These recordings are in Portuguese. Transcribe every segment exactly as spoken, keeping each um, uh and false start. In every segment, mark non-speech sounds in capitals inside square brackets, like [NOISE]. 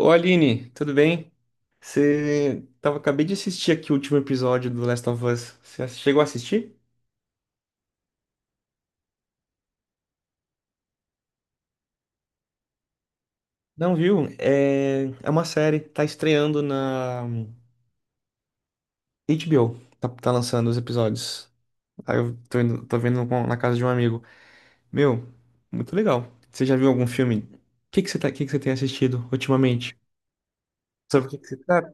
Ô Aline, tudo bem? Você tava, acabei de assistir aqui o último episódio do Last of Us. Você ass- chegou a assistir? Não viu? É, é uma série, tá estreando na H B O, tá, tá lançando os episódios. Aí eu tô, indo- tô vendo com- na casa de um amigo. Meu, muito legal. Você já viu algum filme? O que que você tá, que que você tem assistido ultimamente? Sobre o que que se trata?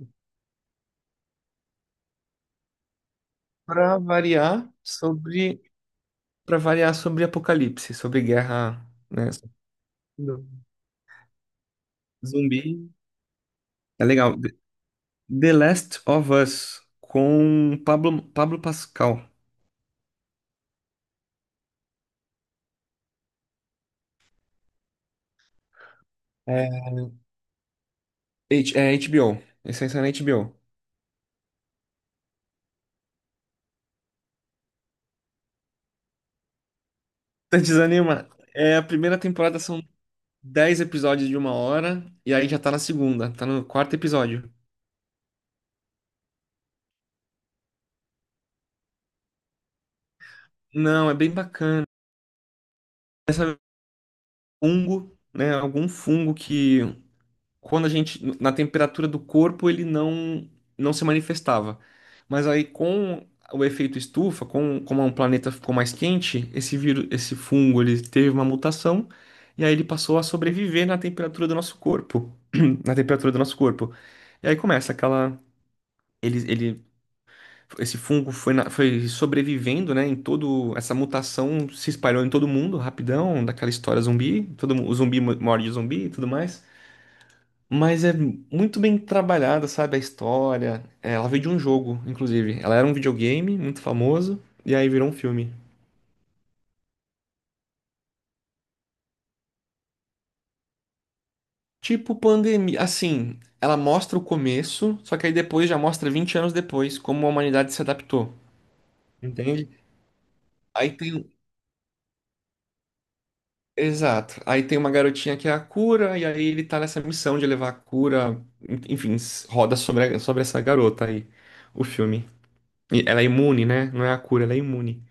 Pra variar sobre, Para variar sobre apocalipse, sobre guerra, né? Zumbi. É legal. The Last of Us com Pablo, Pablo Pascal. É, H- é H B O. Esse aí saiu na H B O. Tá desanima. É, a primeira temporada são dez episódios de uma hora, e aí já tá na segunda, tá no quarto episódio. Não, é bem bacana. Essa é um fungo, né? Algum fungo que quando a gente, na temperatura do corpo, ele não, não se manifestava. Mas aí, com o efeito estufa, com, como é um planeta ficou mais quente, esse vírus, esse fungo, ele teve uma mutação e aí ele passou a sobreviver na temperatura do nosso corpo, [CLEARS THROAT] na temperatura do nosso corpo. E aí começa aquela, ele, ele, esse fungo foi, na- foi sobrevivendo, né, em todo, essa mutação se espalhou em todo mundo, rapidão, daquela história zumbi, todo mu- o zumbi mo- morde o zumbi e tudo mais. Mas é muito bem trabalhada, sabe? A história. É, ela veio de um jogo, inclusive. Ela era um videogame muito famoso, e aí virou um filme. Tipo pandemia. Assim, ela mostra o começo, só que aí depois já mostra vinte anos depois como a humanidade se adaptou. Entende? Aí tem. um, Exato. Aí tem uma garotinha que é a cura, e aí ele tá nessa missão de levar a cura. Enfim, s- roda sobre, a- sobre essa garota aí, o filme. E ela é imune, né? Não é a cura, ela é imune.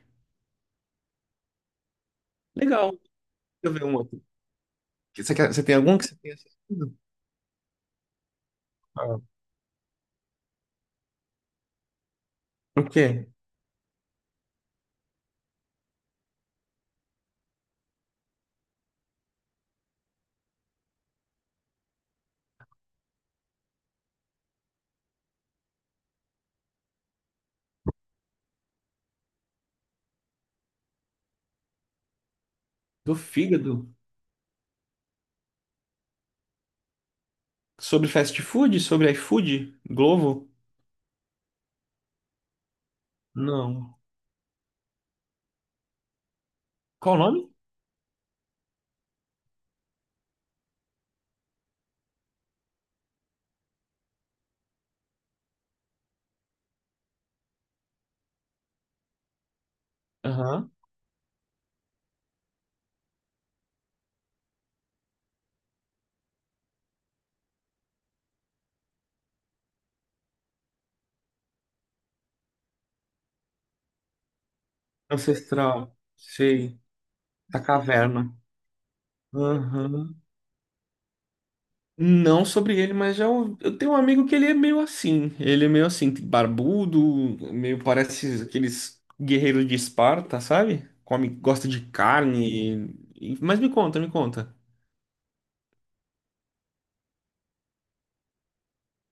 Legal. Deixa eu ver um outro. Você, quer- você tem algum que você tenha assistido? Ah. O quê? Do fígado? Sobre fast food? Sobre iFood? Globo? Não. Qual o nome? Aham. Ancestral. Sei. Da caverna. Aham. Não sobre ele, mas já ouvi- eu tenho um amigo que ele é meio assim. Ele é meio assim, barbudo, meio parece aqueles guerreiros de Esparta, sabe? Come, gosta de carne. e- Mas me conta, me conta.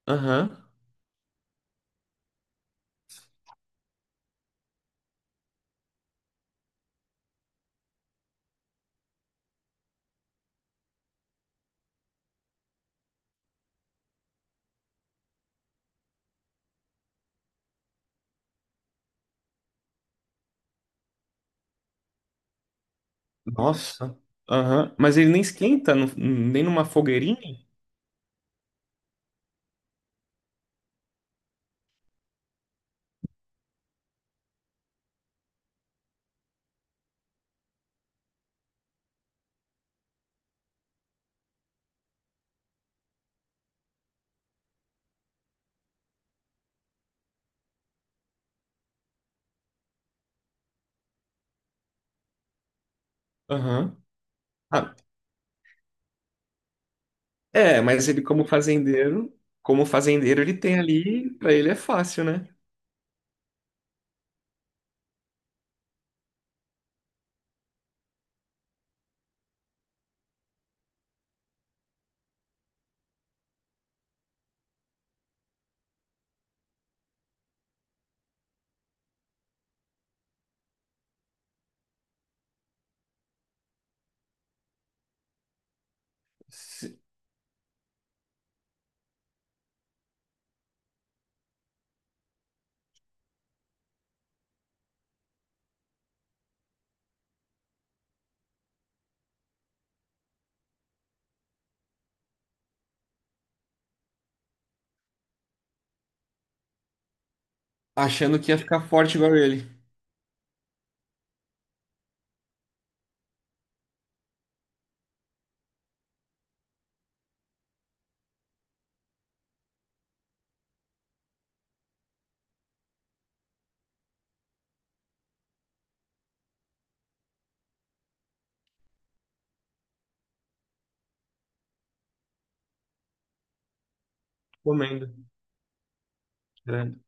Aham. Nossa. Aham. Mas ele nem esquenta, no- nem numa fogueirinha? Aham. Ah, é, mas ele como fazendeiro, como fazendeiro ele tem ali, pra ele é fácil, né? Se- Achando que ia ficar forte igual ele, comendo. Grande.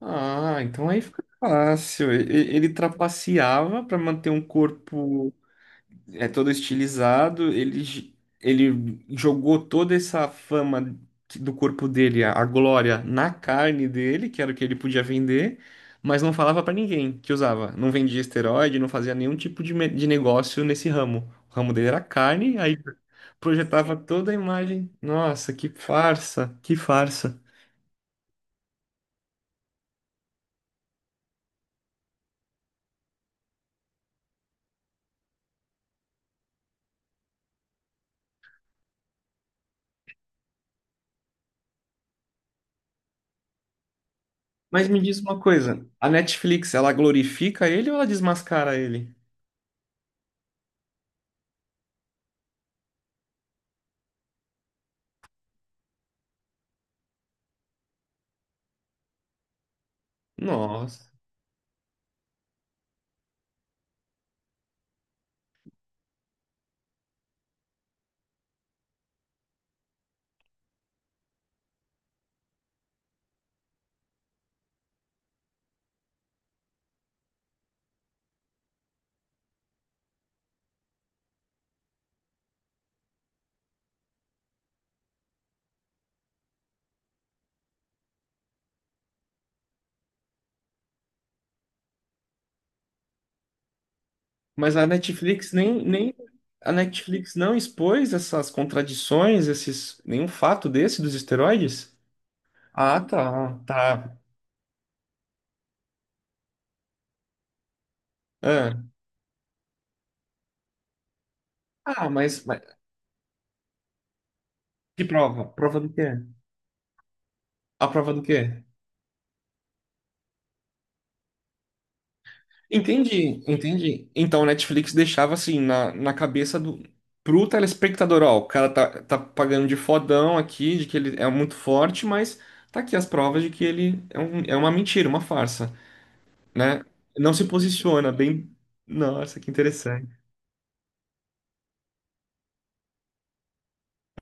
Ah, então aí fica fácil. E- e- Ele trapaceava pra manter um corpo é todo estilizado, ele, j- ele jogou toda essa fama que- do corpo dele, a a glória, na carne dele, que era o que ele podia vender, mas não falava pra ninguém que usava. Não vendia esteroide, não fazia nenhum tipo de, me- de negócio nesse ramo. O ramo dele era carne, aí projetava toda a imagem. Nossa, que farsa, que farsa. Mas me diz uma coisa, a Netflix, ela glorifica ele ou ela desmascara ele? Nossa. Mas a Netflix nem, nem a Netflix não expôs essas contradições, esses nenhum fato desse dos esteroides? Ah, tá, tá. Ah, Ah, mas, mas que prova? Prova do quê? A prova do quê? Entendi, entendi. Então a Netflix deixava assim na, na cabeça do pro telespectador, ó, o cara tá, tá pagando de fodão aqui, de que ele é muito forte, mas tá aqui as provas de que ele é, um, é uma mentira, uma farsa. Né? Não se posiciona bem. Nossa, que interessante.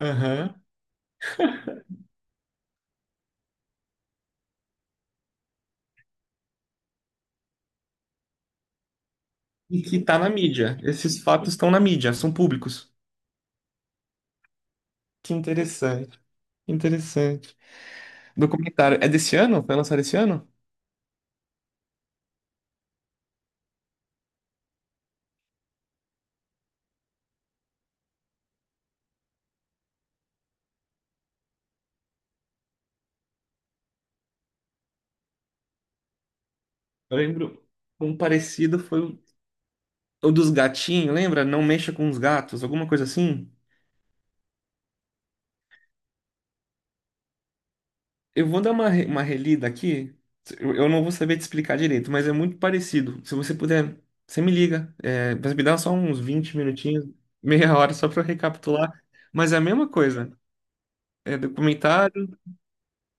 Aham. E que tá na mídia. Esses fatos estão na mídia, são públicos. Que interessante, que interessante. Documentário. É desse ano? Foi lançado esse ano? Eu lembro. Um parecido foi o o dos gatinhos, lembra? Não mexa com os gatos, alguma coisa assim? Eu vou dar uma, re- uma relida aqui. Eu, eu não vou saber te explicar direito, mas é muito parecido. Se você puder, você me liga. É, mas me dá só uns vinte minutinhos, [LAUGHS] meia hora, só para recapitular. Mas é a mesma coisa. É documentário.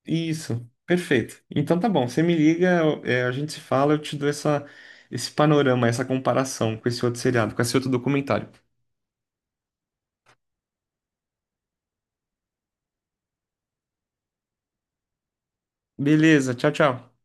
Isso, perfeito. Então tá bom, você me liga, é, a gente se fala, eu te dou essa, esse panorama, essa comparação com esse outro seriado, com esse outro documentário. Beleza, tchau, tchau.